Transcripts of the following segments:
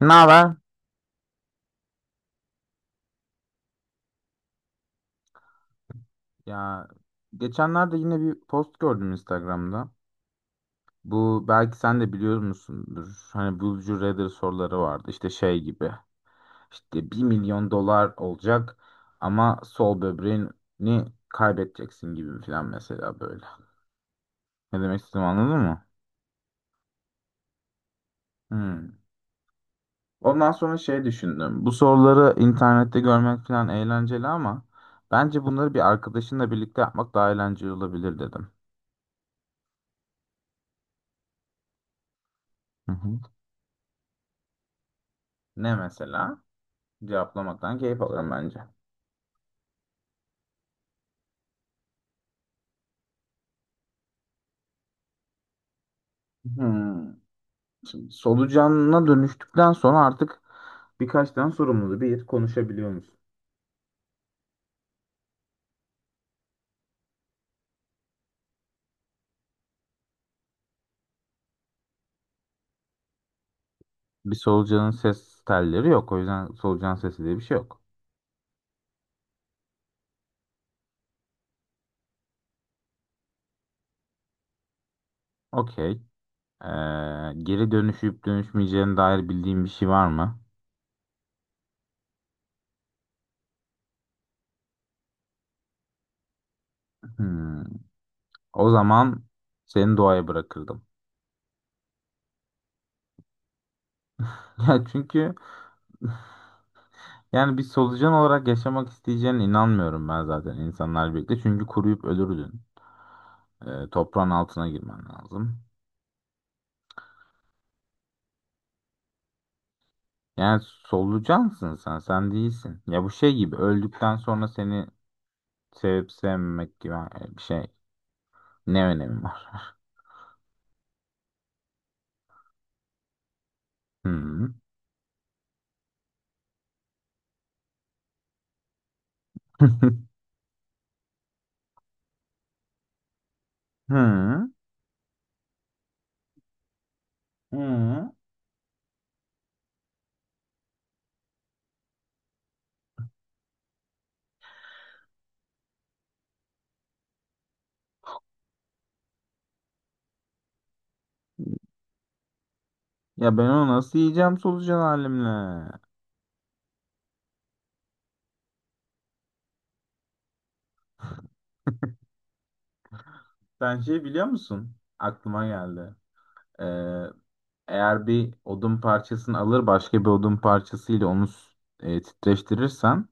Ne haber? Ya geçenlerde yine bir post gördüm Instagram'da. Bu belki sen de biliyor musundur. Hani Would you rather soruları vardı. İşte şey gibi. İşte 1 milyon dolar olacak ama sol böbreğini kaybedeceksin gibi falan mesela böyle. Ne demek istedim, anladın mı? Hmm. Ondan sonra şey düşündüm. Bu soruları internette görmek falan eğlenceli ama bence bunları bir arkadaşınla birlikte yapmak daha eğlenceli olabilir dedim. Hı hı. Ne mesela? Cevaplamaktan keyif alırım bence. Hmm. Şimdi solucanına dönüştükten sonra artık birkaç tane sorumluluğu bir konuşabiliyor musun? Bir solucanın ses telleri yok. O yüzden solucan sesi diye bir şey yok. Okey. Ee, geri dönüşüp dönüşmeyeceğine dair bildiğin bir şey var mı? Hmm. O zaman seni doğaya bırakırdım. Ya çünkü yani bir solucan olarak yaşamak isteyeceğine inanmıyorum ben zaten insanlar birlikte. Çünkü kuruyup ölürdün. Toprağın altına girmen lazım. Yani solucansın sen, sen değilsin. Ya bu şey gibi öldükten sonra seni sevip sevmemek gibi bir şey. Ne önemi var? Hı. Hı. Hı. Ya ben onu nasıl yiyeceğim solucan halimle? Sen şey biliyor musun? Aklıma geldi. Ee, eğer bir odun parçasını alır başka bir odun parçasıyla onu titreştirirsen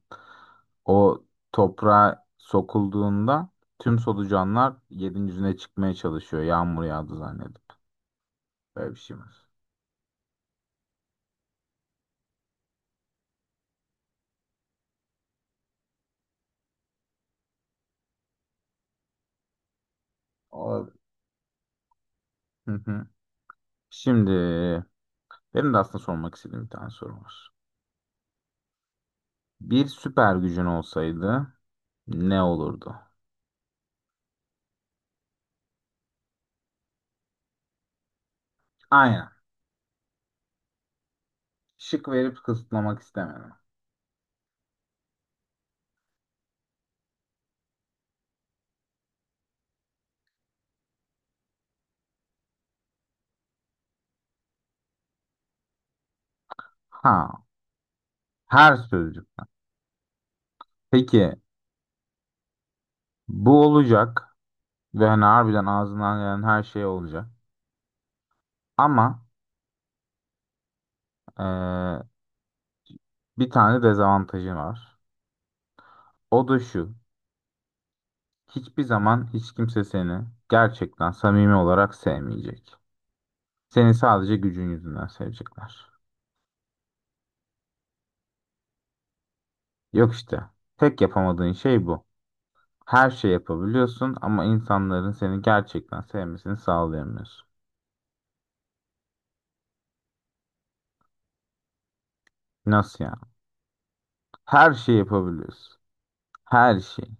o toprağa sokulduğunda tüm solucanlar yerin yüzüne çıkmaya çalışıyor. Yağmur yağdı zannedip. Böyle bir şey var. Abi. Hı hı. Şimdi benim de aslında sormak istediğim bir tane soru var. Bir süper gücün olsaydı ne olurdu? Aynen. Şık verip kısıtlamak istemedim. Ha, her sözcük. Peki bu olacak ve hani harbiden ağzından gelen her şey olacak. Ama eee, bir tane dezavantajı var. O da şu. Hiçbir zaman hiç kimse seni gerçekten samimi olarak sevmeyecek. Seni sadece gücün yüzünden sevecekler. Yok işte. Tek yapamadığın şey bu. Her şey yapabiliyorsun ama insanların seni gerçekten sevmesini sağlayamıyorsun. Nasıl yani? Her şeyi yapabiliyorsun. Her şey.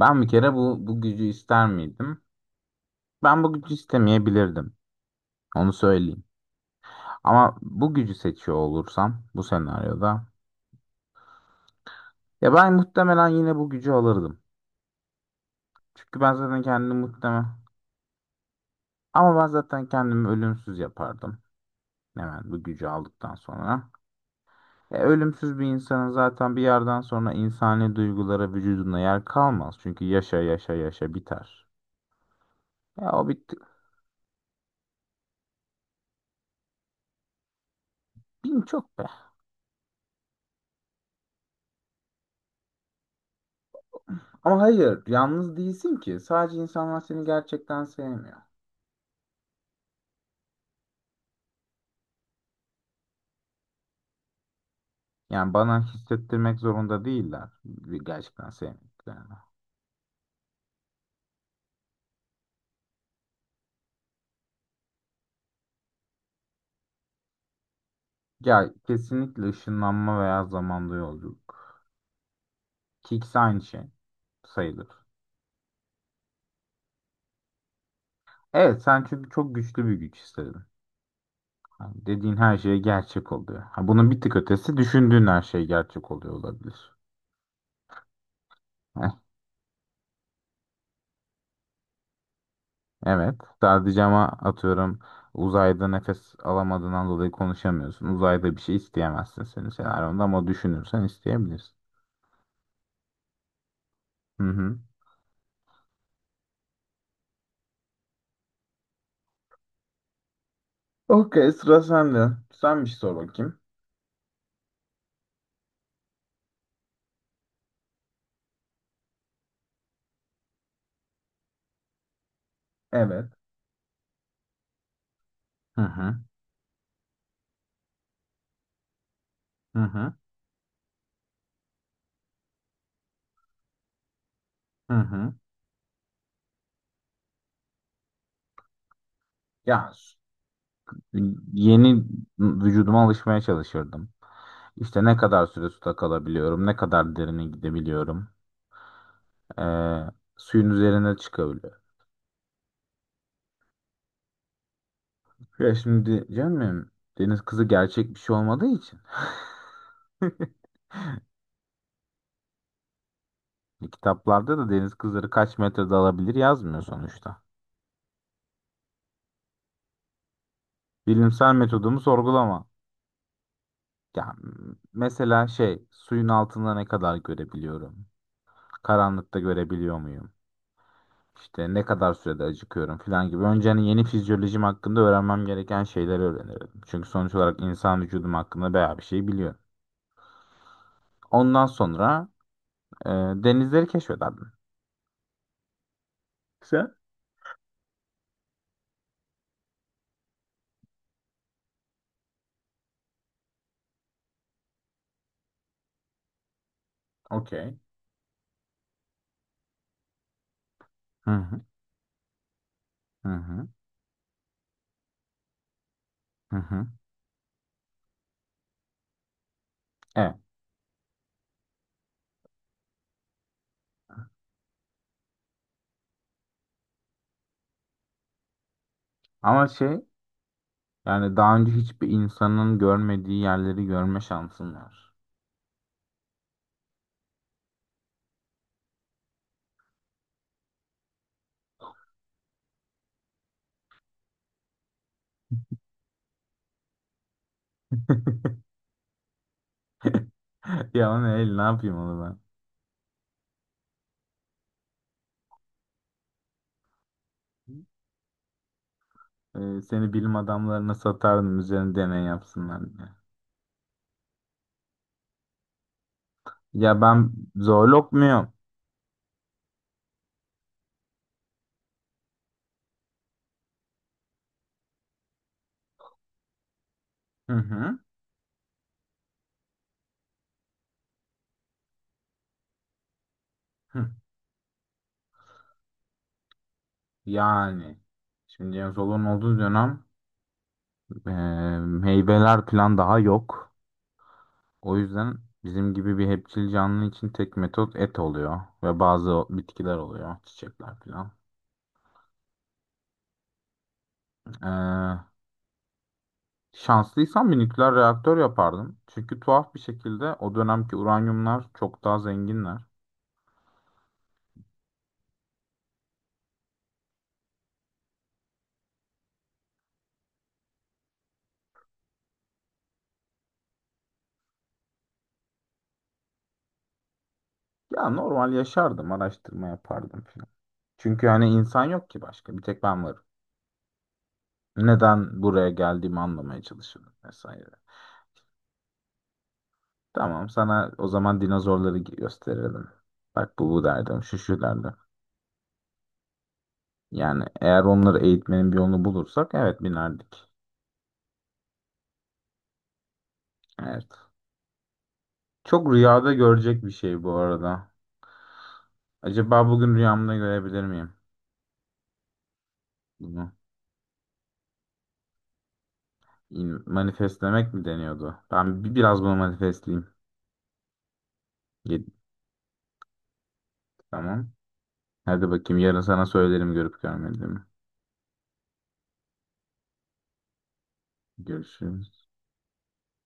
Ben bir kere bu gücü ister miydim? Ben bu gücü istemeyebilirdim. Onu söyleyeyim. Ama bu gücü seçiyor olursam bu senaryoda ya ben muhtemelen yine bu gücü alırdım. Çünkü ben zaten kendimi muhtemel. Ama ben zaten kendimi ölümsüz yapardım. Hemen bu gücü aldıktan sonra. Ölümsüz bir insanın zaten bir yerden sonra insani duygulara vücuduna yer kalmaz. Çünkü yaşa yaşa yaşa biter. Ya o bitti. Bin çok be. Ama hayır, yalnız değilsin ki. Sadece insanlar seni gerçekten sevmiyor. Yani bana hissettirmek zorunda değiller. Gerçekten sevmediklerini. Ya kesinlikle ışınlanma veya zamanda yolculuk. Ki ikisi aynı şey sayılır. Evet sen çünkü çok güçlü bir güç istedin. Yani dediğin her şey gerçek oluyor. Ha, bunun bir tık ötesi düşündüğün her şey gerçek oluyor olabilir. Heh, evet sadece ama atıyorum uzayda nefes alamadığından dolayı konuşamıyorsun. Uzayda bir şey isteyemezsin senin senaryonda ama düşünürsen isteyebilirsin. Hı hı. Okey, sıra sende. Sen bir şey sor bakayım. Evet. Hı hı. Hı hı. Hı hı. Ya yeni vücuduma alışmaya çalışırdım. İşte ne kadar süre suda kalabiliyorum, ne kadar derine gidebiliyorum, eee, suyun üzerine çıkabiliyorum. Ya şimdi canım deniz kızı gerçek bir şey olmadığı için. Kitaplarda da deniz kızları kaç metre dalabilir yazmıyor sonuçta. Bilimsel metodumu sorgulama. Ya mesela şey suyun altında ne kadar görebiliyorum? Karanlıkta görebiliyor muyum? İşte ne kadar sürede acıkıyorum falan gibi. Önce hani yeni fizyolojim hakkında öğrenmem gereken şeyleri öğrenirim. Çünkü sonuç olarak insan vücudum hakkında bayağı bir şey biliyorum. Ondan sonra e, denizleri keşfederdim. Sen? Okey. Hı hı hı hı hı hı. Evet. Ama şey yani daha önce hiçbir insanın görmediği yerleri görme şansın var. Ya o ne el ne yapayım onu ben? Seni bilim adamlarına satardım üzerine deney yapsınlar diye. Ya ben zoolog muyum? Hı hı. Hı. Yani şimdi James Hollo'nun olduğu dönem e, meyveler plan daha yok. O yüzden bizim gibi bir hepçil canlı için tek metot et oluyor ve bazı bitkiler oluyor, çiçekler falan. E, şanslıysam bir nükleer reaktör yapardım. Çünkü tuhaf bir şekilde o dönemki uranyumlar çok daha zenginler. Ya normal yaşardım, araştırma yapardım falan. Çünkü hani insan yok ki başka, bir tek ben varım. Neden buraya geldiğimi anlamaya çalışırdım vesaire. Tamam sana o zaman dinozorları gösterelim. Bak bu bu derdim, şu şu derdim. Yani eğer onları eğitmenin bir yolunu bulursak evet binerdik. Evet. Çok rüyada görecek bir şey bu arada. Acaba bugün rüyamda görebilir miyim? Bunu manifestlemek mi deniyordu? Ben biraz bunu manifestleyeyim. Yedi- Tamam. Hadi bakayım yarın sana söylerim görüp görmediğimi. Görüşürüz.